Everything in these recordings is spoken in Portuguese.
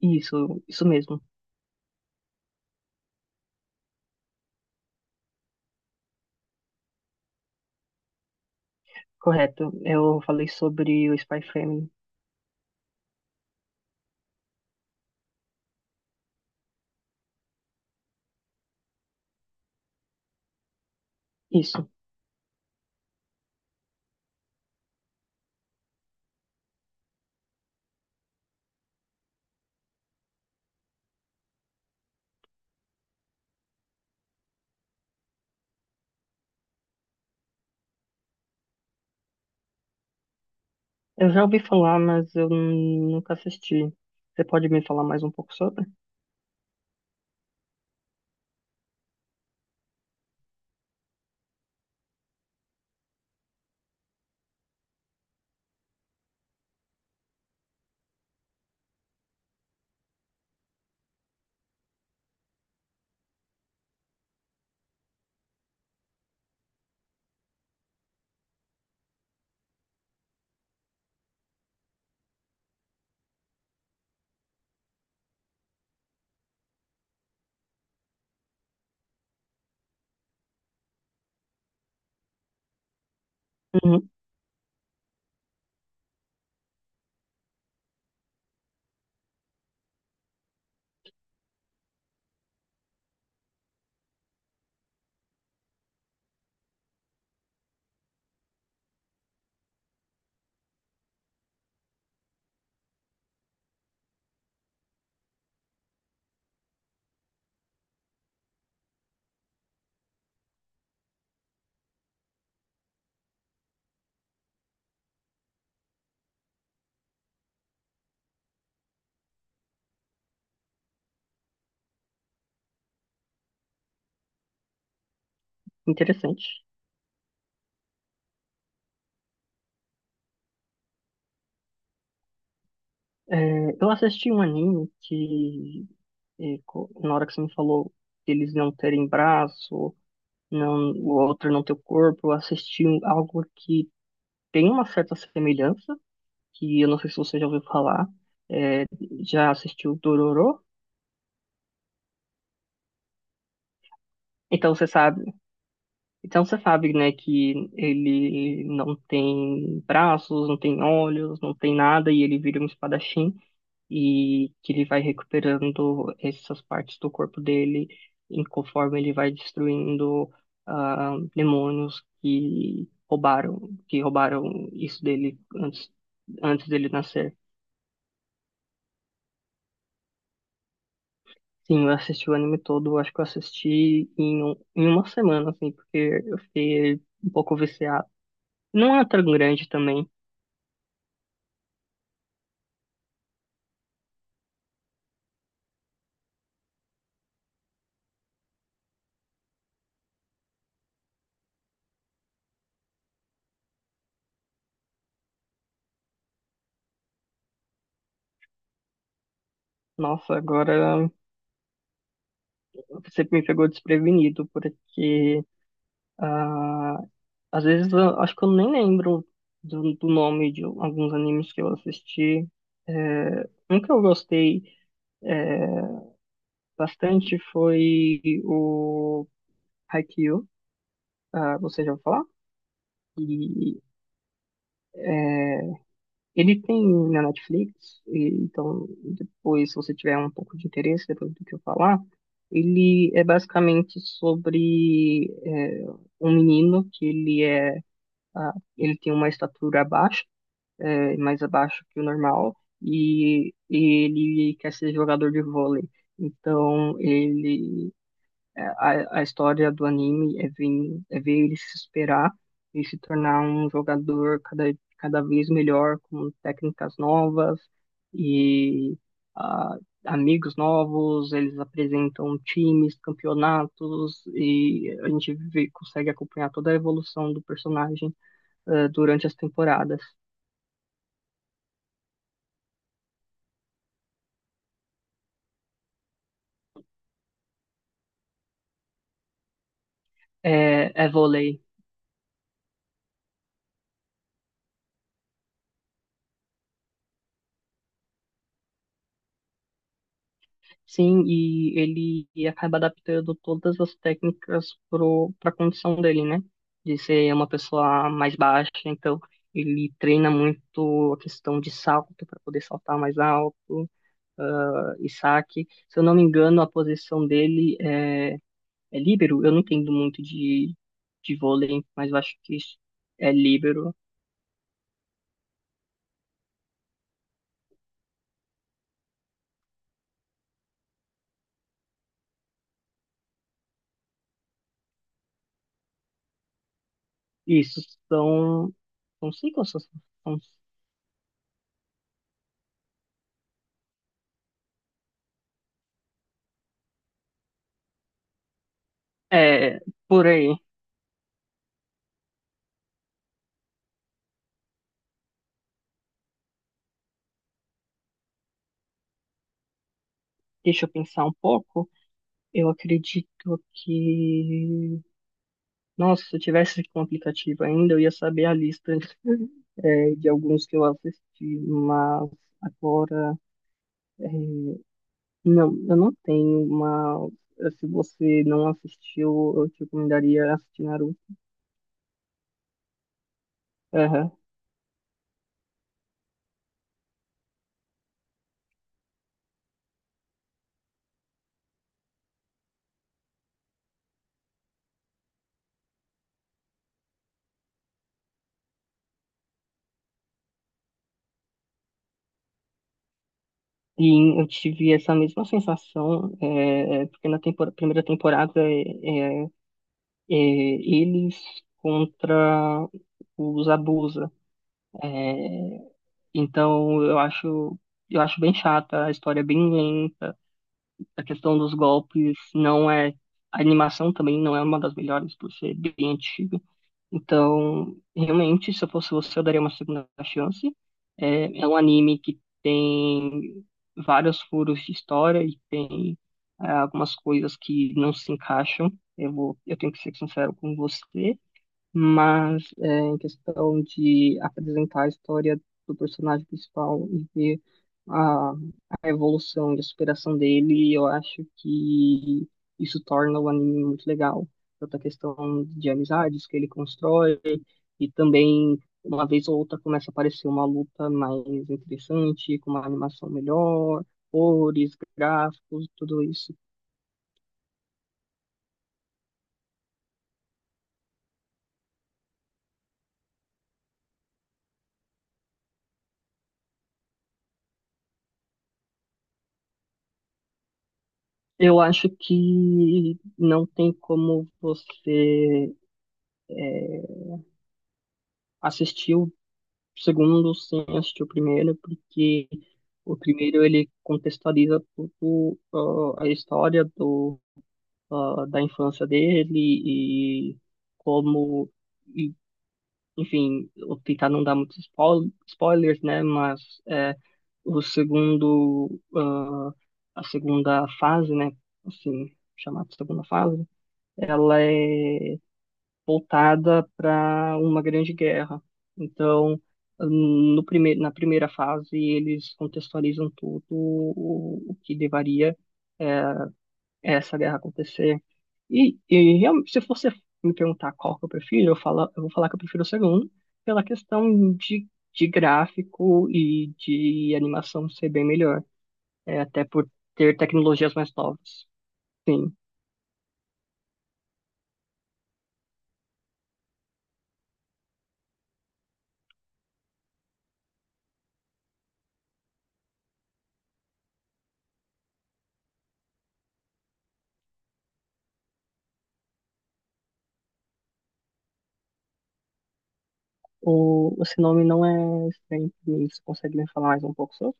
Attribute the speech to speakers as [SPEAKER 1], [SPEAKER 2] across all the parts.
[SPEAKER 1] Isso mesmo, correto. Eu falei sobre o Spy Family. Isso. Eu já ouvi falar, mas nunca assisti. Você pode me falar mais um pouco sobre? Uhum, interessante. É, eu assisti um anime que, na hora que você me falou deles não terem braço, não, o outro não ter o corpo, algo que tem uma certa semelhança, que eu não sei se você já ouviu falar. É, Já assistiu Dororo? Então você sabe. Então você sabe, né, que ele não tem braços, não tem olhos, não tem nada, e ele vira um espadachim, e que ele vai recuperando essas partes do corpo dele em conforme ele vai destruindo demônios que roubaram isso dele antes, antes dele nascer. Sim, eu assisti o anime todo, eu acho que eu assisti em, um- em uma semana, assim, porque eu fiquei um pouco viciado. Não é tão grande também. Nossa, agora você me pegou desprevenido, porque ah, às vezes eu acho que eu nem lembro do nome de alguns animes que eu assisti. É, um que eu gostei é, bastante foi o Haikyuu. Ah, você já ouviu falar? E Ele tem na Netflix, então depois, se você tiver um pouco de interesse, depois do que eu falar, ele é basicamente sobre um menino que ele tem uma estatura baixa, é, mais abaixo que o normal, e ele quer ser jogador de vôlei. Então a história do anime é ver ele se superar e se tornar um jogador cada vez melhor, com técnicas novas e ah, amigos novos. Eles apresentam times, campeonatos e a gente consegue acompanhar toda a evolução do personagem durante as temporadas. É, é vôlei. Sim, e ele acaba adaptando todas as técnicas pro para a condição dele, né? De ser uma pessoa mais baixa, então ele treina muito a questão de salto para poder saltar mais alto, e saque. Se eu não me engano, a posição dele é líbero. Eu não entendo muito de vôlei, mas eu acho que isso é líbero. Isso são, não sei quais são, é, por aí. Deixa eu pensar um pouco. Eu acredito que. Nossa, se eu tivesse com o aplicativo ainda, eu ia saber a lista, de alguns que eu assisti, mas agora. eh, Não, eu não tenho, mas se você não assistiu, eu te recomendaria assistir Naruto. Aham. E eu tive essa mesma sensação, porque primeira temporada eles contra os Abusa. eh, Então eu acho eu acho bem chata, a história é bem lenta, a questão dos golpes não é a animação também não é uma das melhores por ser bem antiga. Então, realmente, se eu fosse você, eu daria uma segunda chance. É, é um anime que tem vários furos de história e tem é, algumas coisas que não se encaixam. Eu tenho que ser sincero com você. Mas é, em questão de apresentar a história do personagem principal e ver a, a evolução e a superação dele, eu acho que isso torna o anime muito legal. Tanto a questão de amizades que ele constrói e também, uma vez ou outra, começa a aparecer uma luta mais interessante, com uma animação melhor, cores, gráficos, tudo isso. Eu acho que não tem como você é, assisti o segundo sem assistir o primeiro, porque o primeiro ele contextualiza tudo, a história da infância dele e como, e enfim, vou tentar não dar muitos spoilers, né? Mas é, o segundo, a segunda fase, né? Assim, chamada segunda fase, ela é voltada para uma grande guerra. Então, no primeiro, na primeira fase, eles contextualizam tudo o que levaria essa guerra a acontecer. E realmente, se você me perguntar qual que eu prefiro, eu vou falar que eu prefiro o segundo, pela questão de gráfico e de animação ser bem melhor, é, até por ter tecnologias mais novas. Sim, o seu nome não é estranho, pra mim. Você consegue me falar mais um pouco sobre?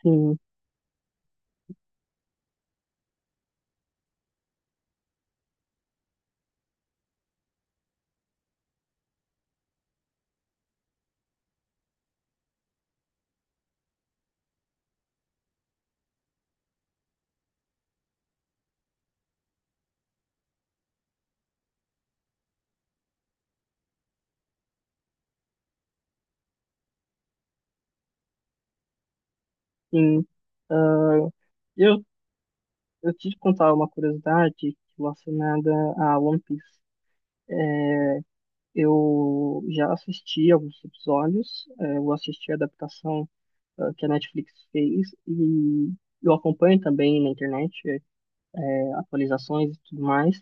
[SPEAKER 1] Sim, sim. Ah, eu, eu te contar uma curiosidade relacionada a One Piece. Eu já assisti alguns episódios, eu assisti a adaptação, que a Netflix fez e eu acompanho também na internet, atualizações e tudo mais.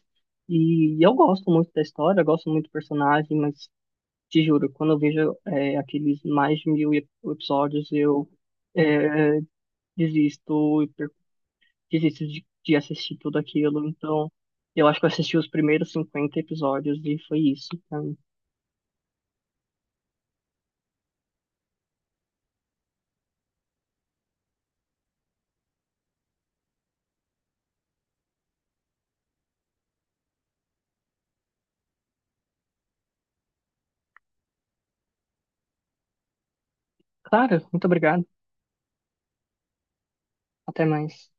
[SPEAKER 1] E eu gosto muito da história, eu gosto muito do personagem, mas te juro, quando eu vejo, aqueles mais de mil episódios, eu é, desisto desisto de assistir tudo aquilo. Então, eu acho que eu assisti os primeiros 50 episódios e foi isso pra mim. Claro, muito obrigado. Até mais.